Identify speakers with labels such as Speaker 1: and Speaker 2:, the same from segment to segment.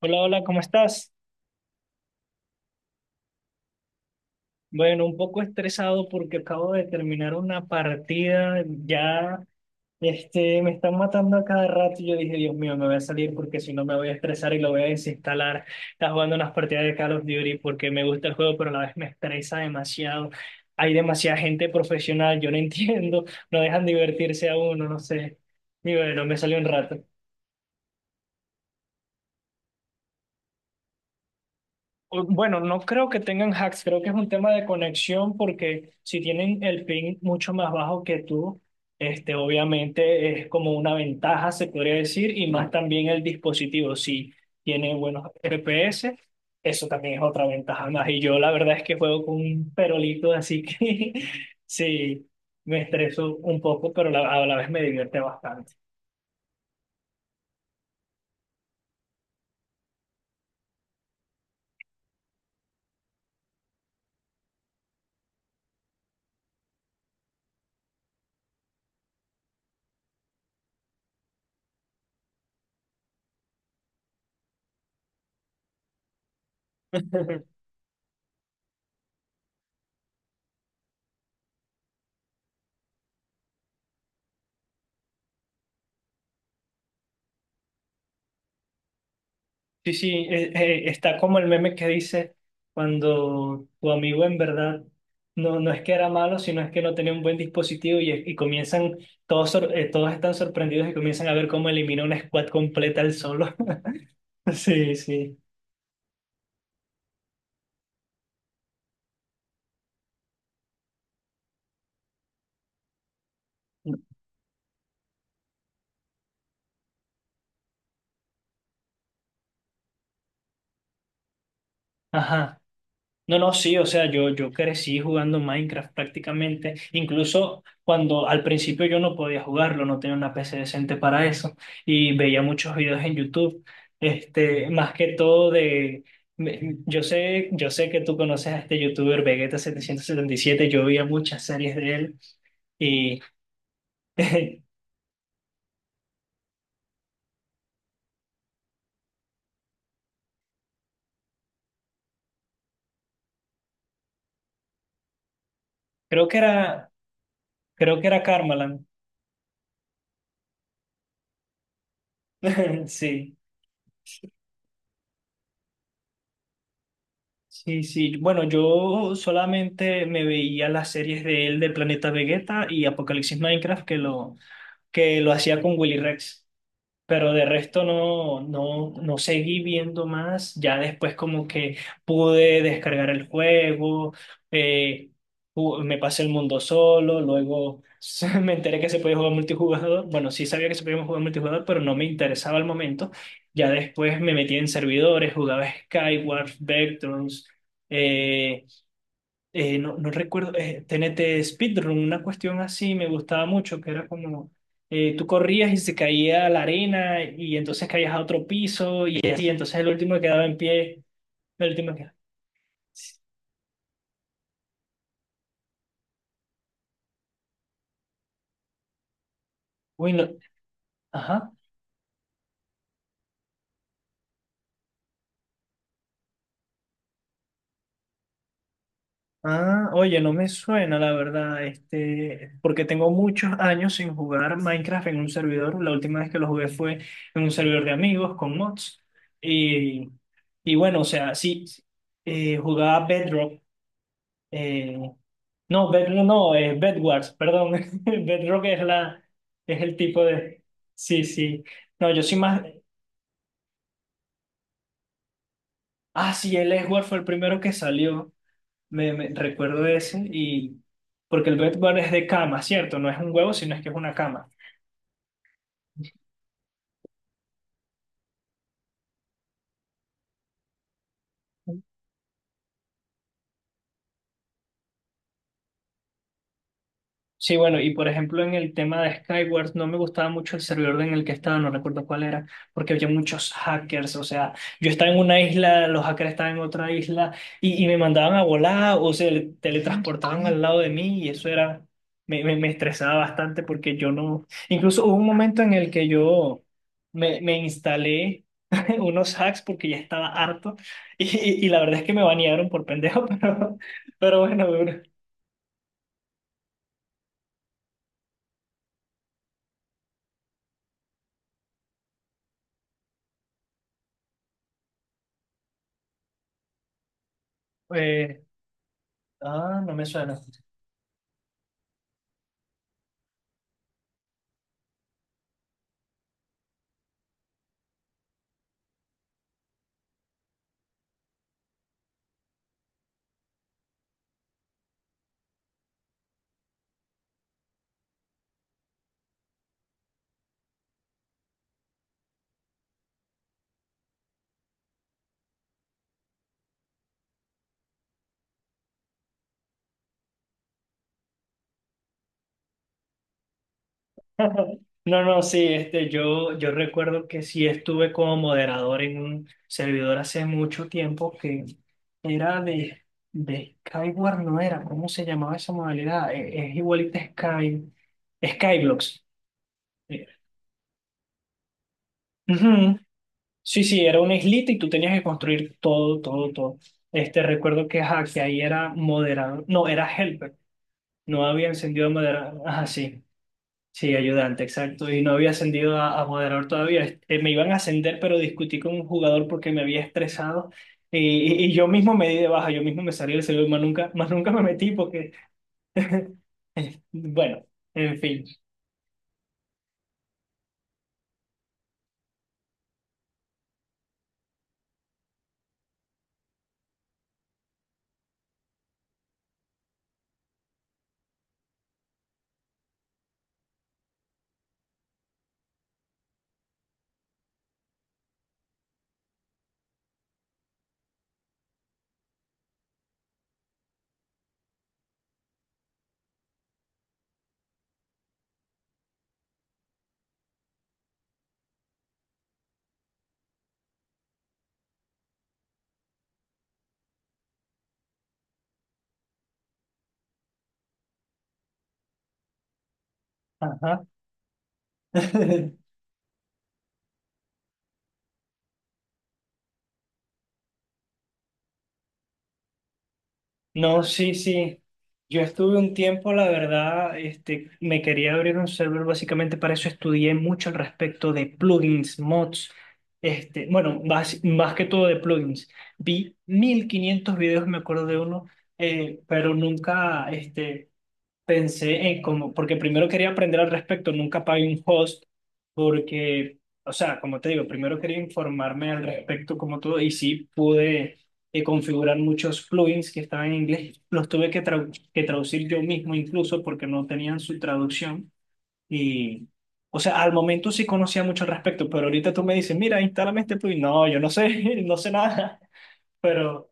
Speaker 1: Hola, hola, ¿cómo estás? Bueno, un poco estresado porque acabo de terminar una partida, ya me están matando a cada rato y yo dije, Dios mío, me voy a salir porque si no me voy a estresar y lo voy a desinstalar. Estaba jugando unas partidas de Call of Duty porque me gusta el juego, pero a la vez me estresa demasiado. Hay demasiada gente profesional, yo no entiendo, no dejan divertirse a uno, no sé. Y bueno, me salió un rato. Bueno, no creo que tengan hacks, creo que es un tema de conexión porque si tienen el ping mucho más bajo que tú, obviamente es como una ventaja, se podría decir, y más también el dispositivo, si tiene buenos FPS, eso también es otra ventaja más. Y yo la verdad es que juego con un perolito, así que sí, me estreso un poco, pero a la vez me divierte bastante. Sí, sí, está como el meme que dice cuando tu amigo en verdad no, no es que era malo, sino es que no tenía un buen dispositivo y comienzan, todos, todos están sorprendidos y comienzan a ver cómo elimina una squad completa el solo. Sí, sí. Ajá. No, no, sí, o sea, yo crecí jugando Minecraft prácticamente, incluso cuando al principio yo no podía jugarlo, no tenía una PC decente para eso, y veía muchos videos en YouTube, más que todo de, yo sé que tú conoces a este youtuber vegeta 777, yo veía muchas series de él, y creo que era, creo que era Karmaland, sí. Sí, sí. Bueno, yo solamente me veía las series de él de Planeta Vegeta y Apocalipsis Minecraft que lo hacía con Willy Rex. Pero de resto no, no, no seguí viendo más. Ya después como que pude descargar el juego, eh, me pasé el mundo solo, luego me enteré que se podía jugar multijugador. Bueno, sí sabía que se podía jugar multijugador, pero no me interesaba al momento. Ya después me metí en servidores, jugaba Skyward, Vectrons, eh, no, no recuerdo, TNT Speedrun, una cuestión así me gustaba mucho, que era como tú corrías y se caía a la arena y entonces caías a otro piso y así, entonces el último que quedaba en pie, el último que... Uy, no. Ajá. Ah, oye, no me suena la verdad, porque tengo muchos años sin jugar Minecraft en un servidor. La última vez que lo jugué fue en un servidor de amigos con mods. Y, y bueno, o sea, sí, jugaba Bedrock. eh, No, es Bedwars, perdón. Bedrock es la, es el tipo de. Sí, sí. No, yo soy más. Ah, sí, el Edward fue el primero que salió. Recuerdo ese y porque el Bedwars es de cama, ¿cierto? No es un huevo, sino es que es una cama. Sí, bueno, y por ejemplo en el tema de Skyward no me gustaba mucho el servidor en el que estaba, no recuerdo cuál era, porque había muchos hackers, o sea, yo estaba en una isla, los hackers estaban en otra isla y me mandaban a volar o se teletransportaban al lado de mí y eso era, me estresaba bastante porque yo no, incluso hubo un momento en el que yo me instalé unos hacks porque ya estaba harto y la verdad es que me banearon por pendejo, pero bueno, duro. Eh, ah, no me suena. No, no, sí, yo, yo recuerdo que sí estuve como moderador en un servidor hace mucho tiempo que era de Skyward, no era, ¿cómo se llamaba esa modalidad? Es, igualita a Sky, Skyblocks. Eh, ujú. Sí, sí, era una islita y tú tenías que construir todo, todo, todo. Recuerdo que, ajá, que ahí era moderador, no, era helper, no había encendido moderador, ajá, sí. Sí, ayudante, exacto. Y no había ascendido a moderador todavía. Me iban a ascender, pero discutí con un jugador porque me había estresado. Y, y yo mismo me di de baja, yo mismo me salí del servidor, más nunca, más nunca me metí porque, bueno, en fin. Ajá. No, sí, sí. Yo estuve un tiempo, la verdad, me quería abrir un server básicamente para eso. Estudié mucho al respecto de plugins, mods, bueno, más que todo de plugins. Vi 1500 videos, me acuerdo de uno, pero nunca, pensé en como, porque primero quería aprender al respecto, nunca pagué un host, porque, o sea, como te digo, primero quería informarme al respecto como todo, y sí pude configurar muchos plugins que estaban en inglés, los tuve que, que traducir yo mismo incluso porque no tenían su traducción, y, o sea, al momento sí conocía mucho al respecto, pero ahorita tú me dices, mira, instálame este plugin, no, yo no sé, no sé nada, pero,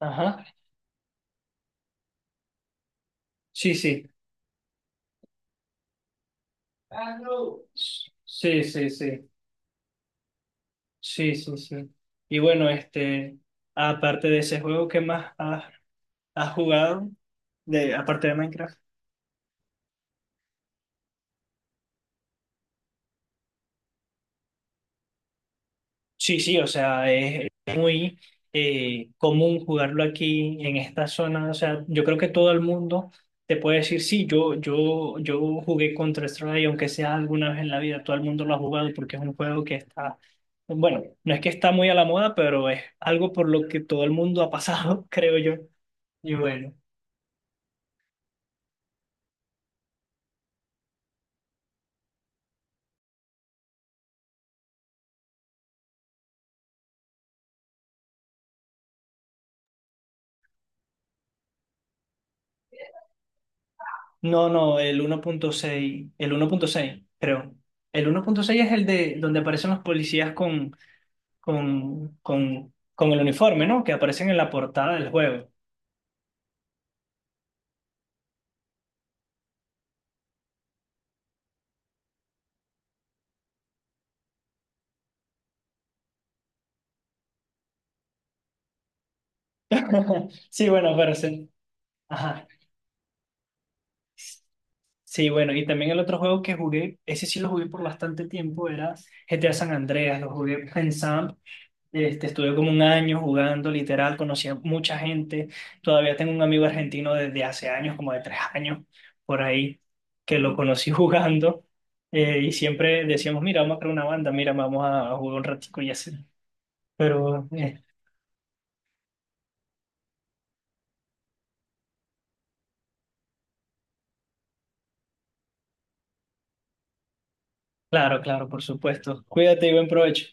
Speaker 1: ajá, sí, sí. Ah, no. Sí, sí, sí. Sí, sí, sí. Y bueno, aparte de ese juego, ¿qué más has, has jugado? De, aparte de Minecraft. Sí, sí, o sea, es muy común jugarlo aquí en esta zona. O sea, yo creo que todo el mundo te puede decir, sí, yo jugué Counter-Strike, aunque sea alguna vez en la vida, todo el mundo lo ha jugado porque es un juego que está, bueno, no es que está muy a la moda, pero es algo por lo que todo el mundo ha pasado, creo yo. Y bueno. No, no, el uno punto seis, el uno punto seis, creo. El uno punto seis es el de donde aparecen los policías con, con el uniforme, ¿no? Que aparecen en la portada del juego. Sí, bueno, pero sí. Ajá. Sí, bueno, y también el otro juego que jugué, ese sí lo jugué por bastante tiempo, era GTA San Andreas, lo jugué pensando. Estuve como 1 año jugando, literal, conocí a mucha gente. Todavía tengo un amigo argentino desde hace años, como de 3 años, por ahí, que lo conocí jugando. Y siempre decíamos, mira, vamos a crear una banda, mira, a jugar un ratico y así. Pero, claro, claro, por supuesto. Cuídate y buen provecho.